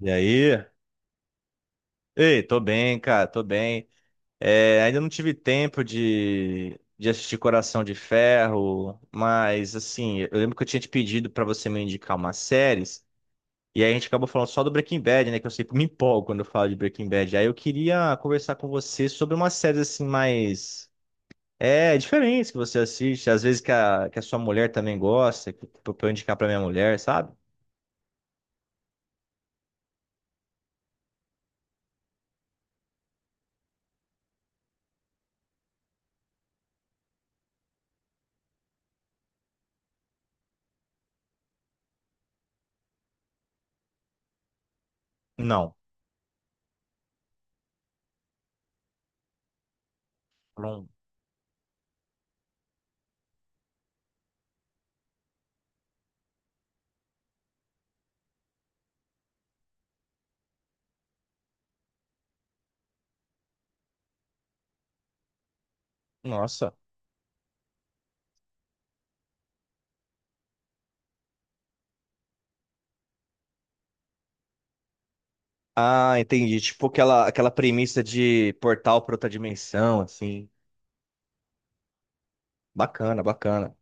E aí? Ei, tô bem, cara, tô bem. É, ainda não tive tempo de assistir Coração de Ferro, mas assim, eu lembro que eu tinha te pedido pra você me indicar umas séries, e aí a gente acabou falando só do Breaking Bad, né? Que eu sempre me empolgo quando eu falo de Breaking Bad. Aí eu queria conversar com você sobre umas séries assim mais diferentes que você assiste, às vezes que a sua mulher também gosta, que, pra eu indicar pra minha mulher, sabe? Não. Não. Nossa. Ah, entendi. Tipo aquela premissa de portal para outra dimensão, assim. Bacana, bacana.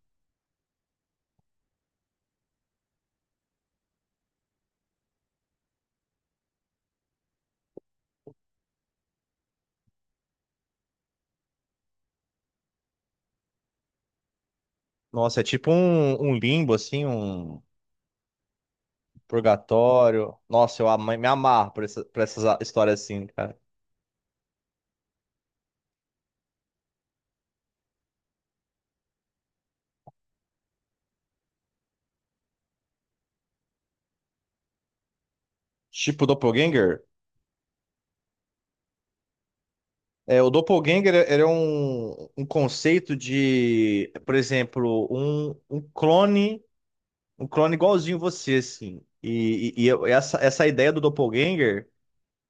Nossa, é tipo um limbo, assim, um purgatório. Nossa, me amarro por histórias assim, cara. Tipo Doppelganger? É, o Doppelganger era um conceito de, por exemplo, um clone, um clone igualzinho você, assim. Essa, essa ideia do Doppelganger.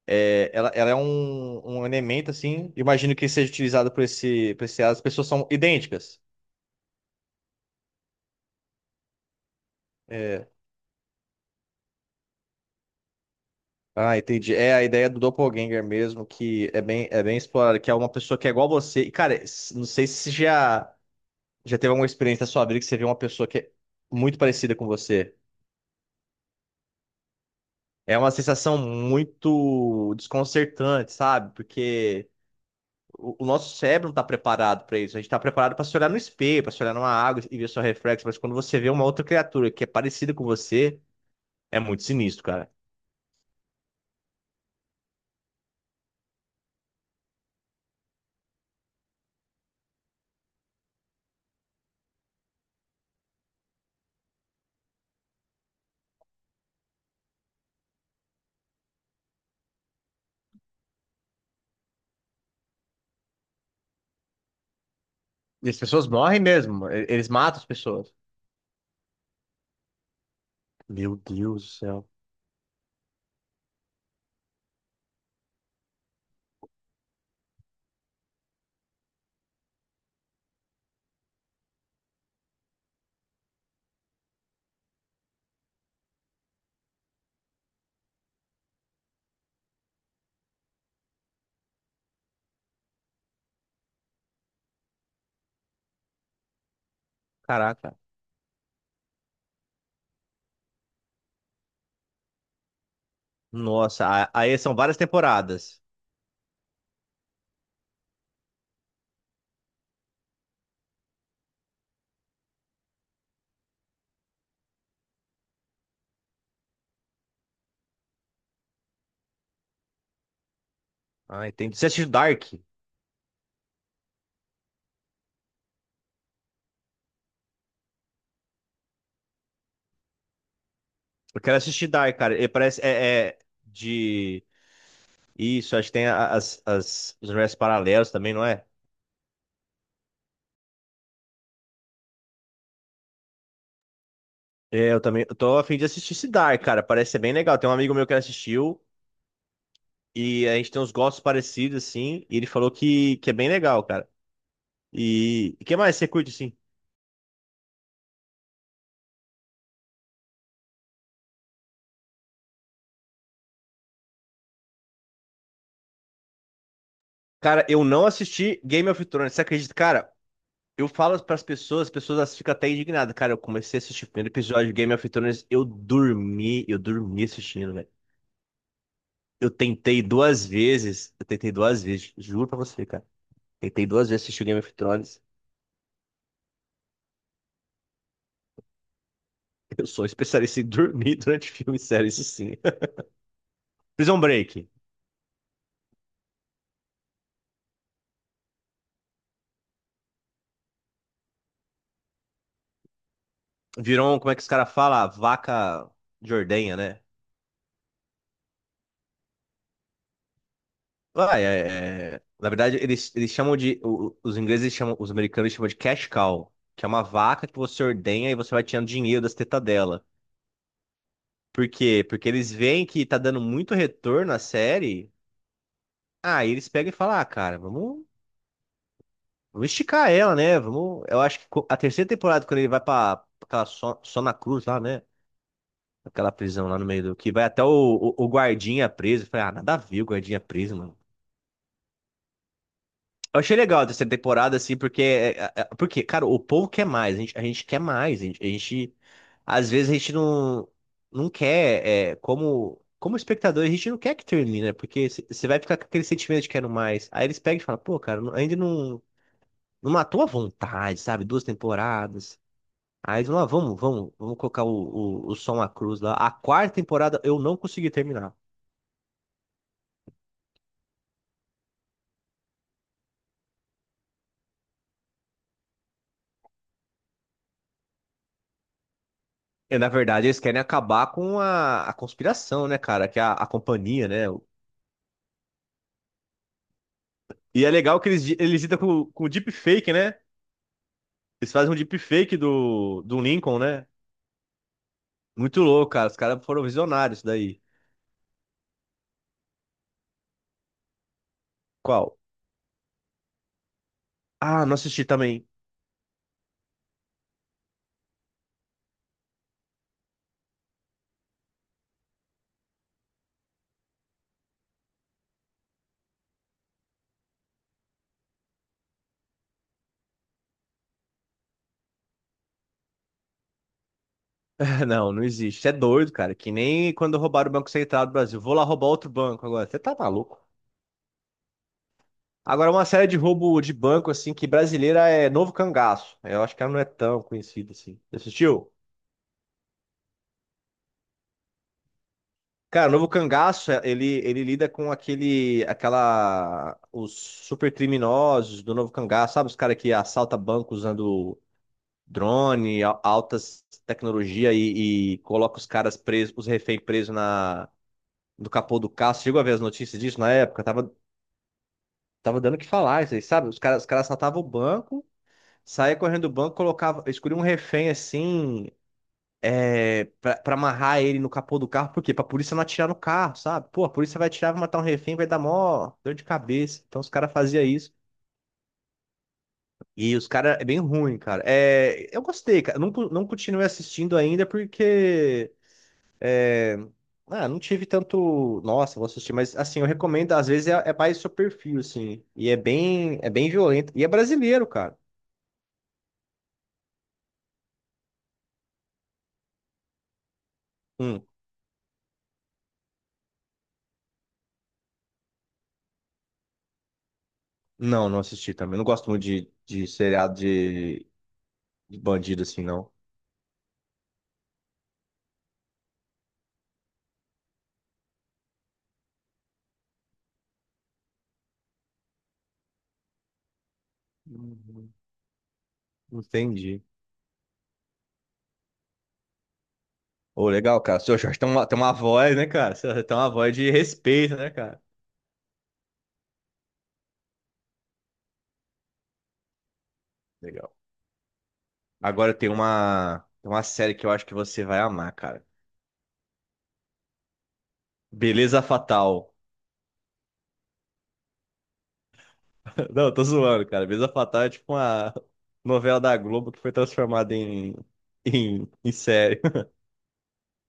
É, ela é um elemento, assim, imagino que seja utilizado por esse as pessoas são idênticas. É. Ah, entendi. É a ideia do doppelganger mesmo, que é bem explorada, que é uma pessoa que é igual a você. E, cara, não sei se já, já teve alguma experiência na sua vida que você viu uma pessoa que é muito parecida com você. É uma sensação muito desconcertante, sabe? Porque o nosso cérebro não está preparado para isso. A gente está preparado para se olhar no espelho, para se olhar numa água e ver seu reflexo. Mas quando você vê uma outra criatura que é parecida com você, é muito sinistro, cara. E as pessoas morrem mesmo. Eles matam as pessoas. Meu Deus do céu. Caraca. Nossa, aí são várias temporadas. Ah, entendi. Você assistiu Dark? Eu quero assistir Dark, cara. Ele parece. É, é de. Isso, acho que tem os universos paralelos também, não é? É, eu também. Eu tô a fim de assistir esse Dark, cara. Parece ser bem legal. Tem um amigo meu que assistiu. E a gente tem uns gostos parecidos, assim. E ele falou que é bem legal, cara. E o que mais você curte, assim? Cara, eu não assisti Game of Thrones, você acredita? Cara, eu falo pras pessoas, as pessoas elas ficam até indignadas. Cara, eu comecei a assistir o primeiro episódio de Game of Thrones, eu dormi assistindo, velho. Eu tentei duas vezes, eu tentei duas vezes, juro pra você, cara. Tentei duas vezes assistir o Game of Thrones. Eu sou especialista em dormir durante filme e série, isso sim. Prison Break. Virou, como é que os caras falam? Vaca de ordenha, né? Ah, na verdade, eles chamam os ingleses chamam, os americanos chamam de cash cow, que é uma vaca que você ordenha e você vai tirando dinheiro das tetas dela. Por quê? Porque eles veem que tá dando muito retorno à série. Aí eles pegam e falam, ah, cara, vamos, vamos esticar ela, né? Vamos. Eu acho que a terceira temporada, quando ele vai pra aquela Sona Cruz lá, né? Aquela prisão lá no meio do. Que vai até o guardinha preso. Eu falei, ah, nada a ver o guardinha preso, mano. Eu achei legal a terceira temporada, assim, porque, porque, cara, o povo quer mais, a gente quer mais, às vezes a gente não, não quer, é, como espectador, a gente não quer que termine, né? Porque você vai ficar com aquele sentimento de quero mais. Aí eles pegam e falam, pô, cara, ainda não, não matou a vontade, sabe? Duas temporadas. Aí eles vão lá, vamos colocar o som à cruz lá. A quarta temporada eu não consegui terminar. E, na verdade, eles querem acabar com a conspiração, né, cara? Que é a companhia, né? E é legal que eles lidam com deepfake, né? Eles fazem um deepfake do Lincoln, né? Muito louco, cara. Os caras foram visionários daí. Qual? Ah, não assisti também. Não, não existe. Você é doido, cara. Que nem quando roubaram o Banco Central do Brasil. Vou lá roubar outro banco agora. Você tá maluco? Agora, uma série de roubo de banco, assim, que brasileira é Novo Cangaço. Eu acho que ela não é tão conhecida assim. Você assistiu? Cara, o novo cangaço, ele lida com os super criminosos do novo cangaço, sabe? Os caras que assaltam banco usando drone, altas tecnologia e coloca os caras presos, os reféns presos no capô do carro. Você chegou a ver as notícias disso na época? Tava dando o que falar isso aí, sabe? Os caras assaltavam o banco, saía correndo do banco, colocava, escolhia um refém assim, é, pra amarrar ele no capô do carro, por quê? Pra polícia não atirar no carro, sabe? Pô, a polícia vai atirar, vai matar um refém, vai dar mó dor de cabeça. Então os caras faziam isso. E os caras, é bem ruim, cara. É, eu gostei, cara. Não, não continuei assistindo ainda porque. é, não tive tanto. Nossa, vou assistir, mas assim, eu recomendo, às vezes é mais seu perfil, assim. E é bem violento. E é brasileiro, cara. Hum, não, não assisti também. Não gosto muito de seriado de bandido, assim, não. Entendi. Ô, legal, cara. O seu Jorge tem uma voz, né, cara? Você tem uma voz de respeito, né, cara? Legal. Agora tem uma série que eu acho que você vai amar, cara. Beleza Fatal. Não, eu tô zoando, cara. Beleza Fatal é tipo uma novela da Globo que foi transformada em série.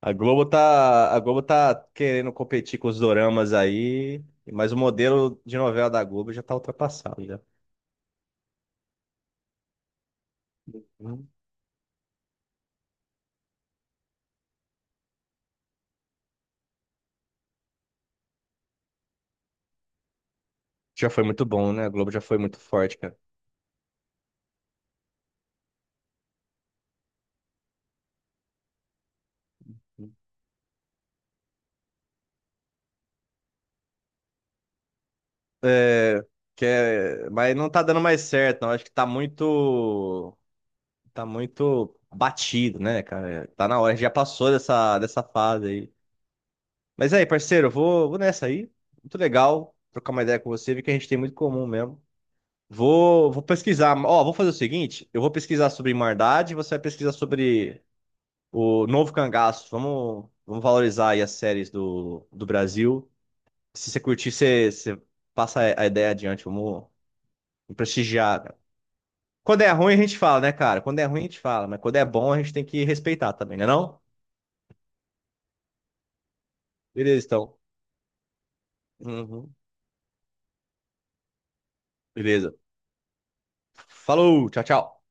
A Globo tá querendo competir com os doramas aí, mas o modelo de novela da Globo já tá ultrapassado, já. Já foi muito bom, né? A Globo já foi muito forte, cara. É, que é, mas não tá dando mais certo, não. Acho que tá muito, tá muito batido, né, cara? Tá na hora, a gente já passou dessa, dessa fase aí. Mas aí, parceiro, eu vou, vou nessa aí. Muito legal trocar uma ideia com você, ver que a gente tem muito em comum mesmo. Vou, vou pesquisar. Ó, vou fazer o seguinte: eu vou pesquisar sobre Irmandade, você vai pesquisar sobre o novo cangaço. Vamos, vamos valorizar aí as séries do Brasil. Se você curtir, você, você passa a ideia adiante. Vamos prestigiar. Quando é ruim, a gente fala, né, cara? Quando é ruim, a gente fala, mas quando é bom, a gente tem que respeitar também, né não? Beleza, então. Uhum. Beleza. Falou, tchau, tchau.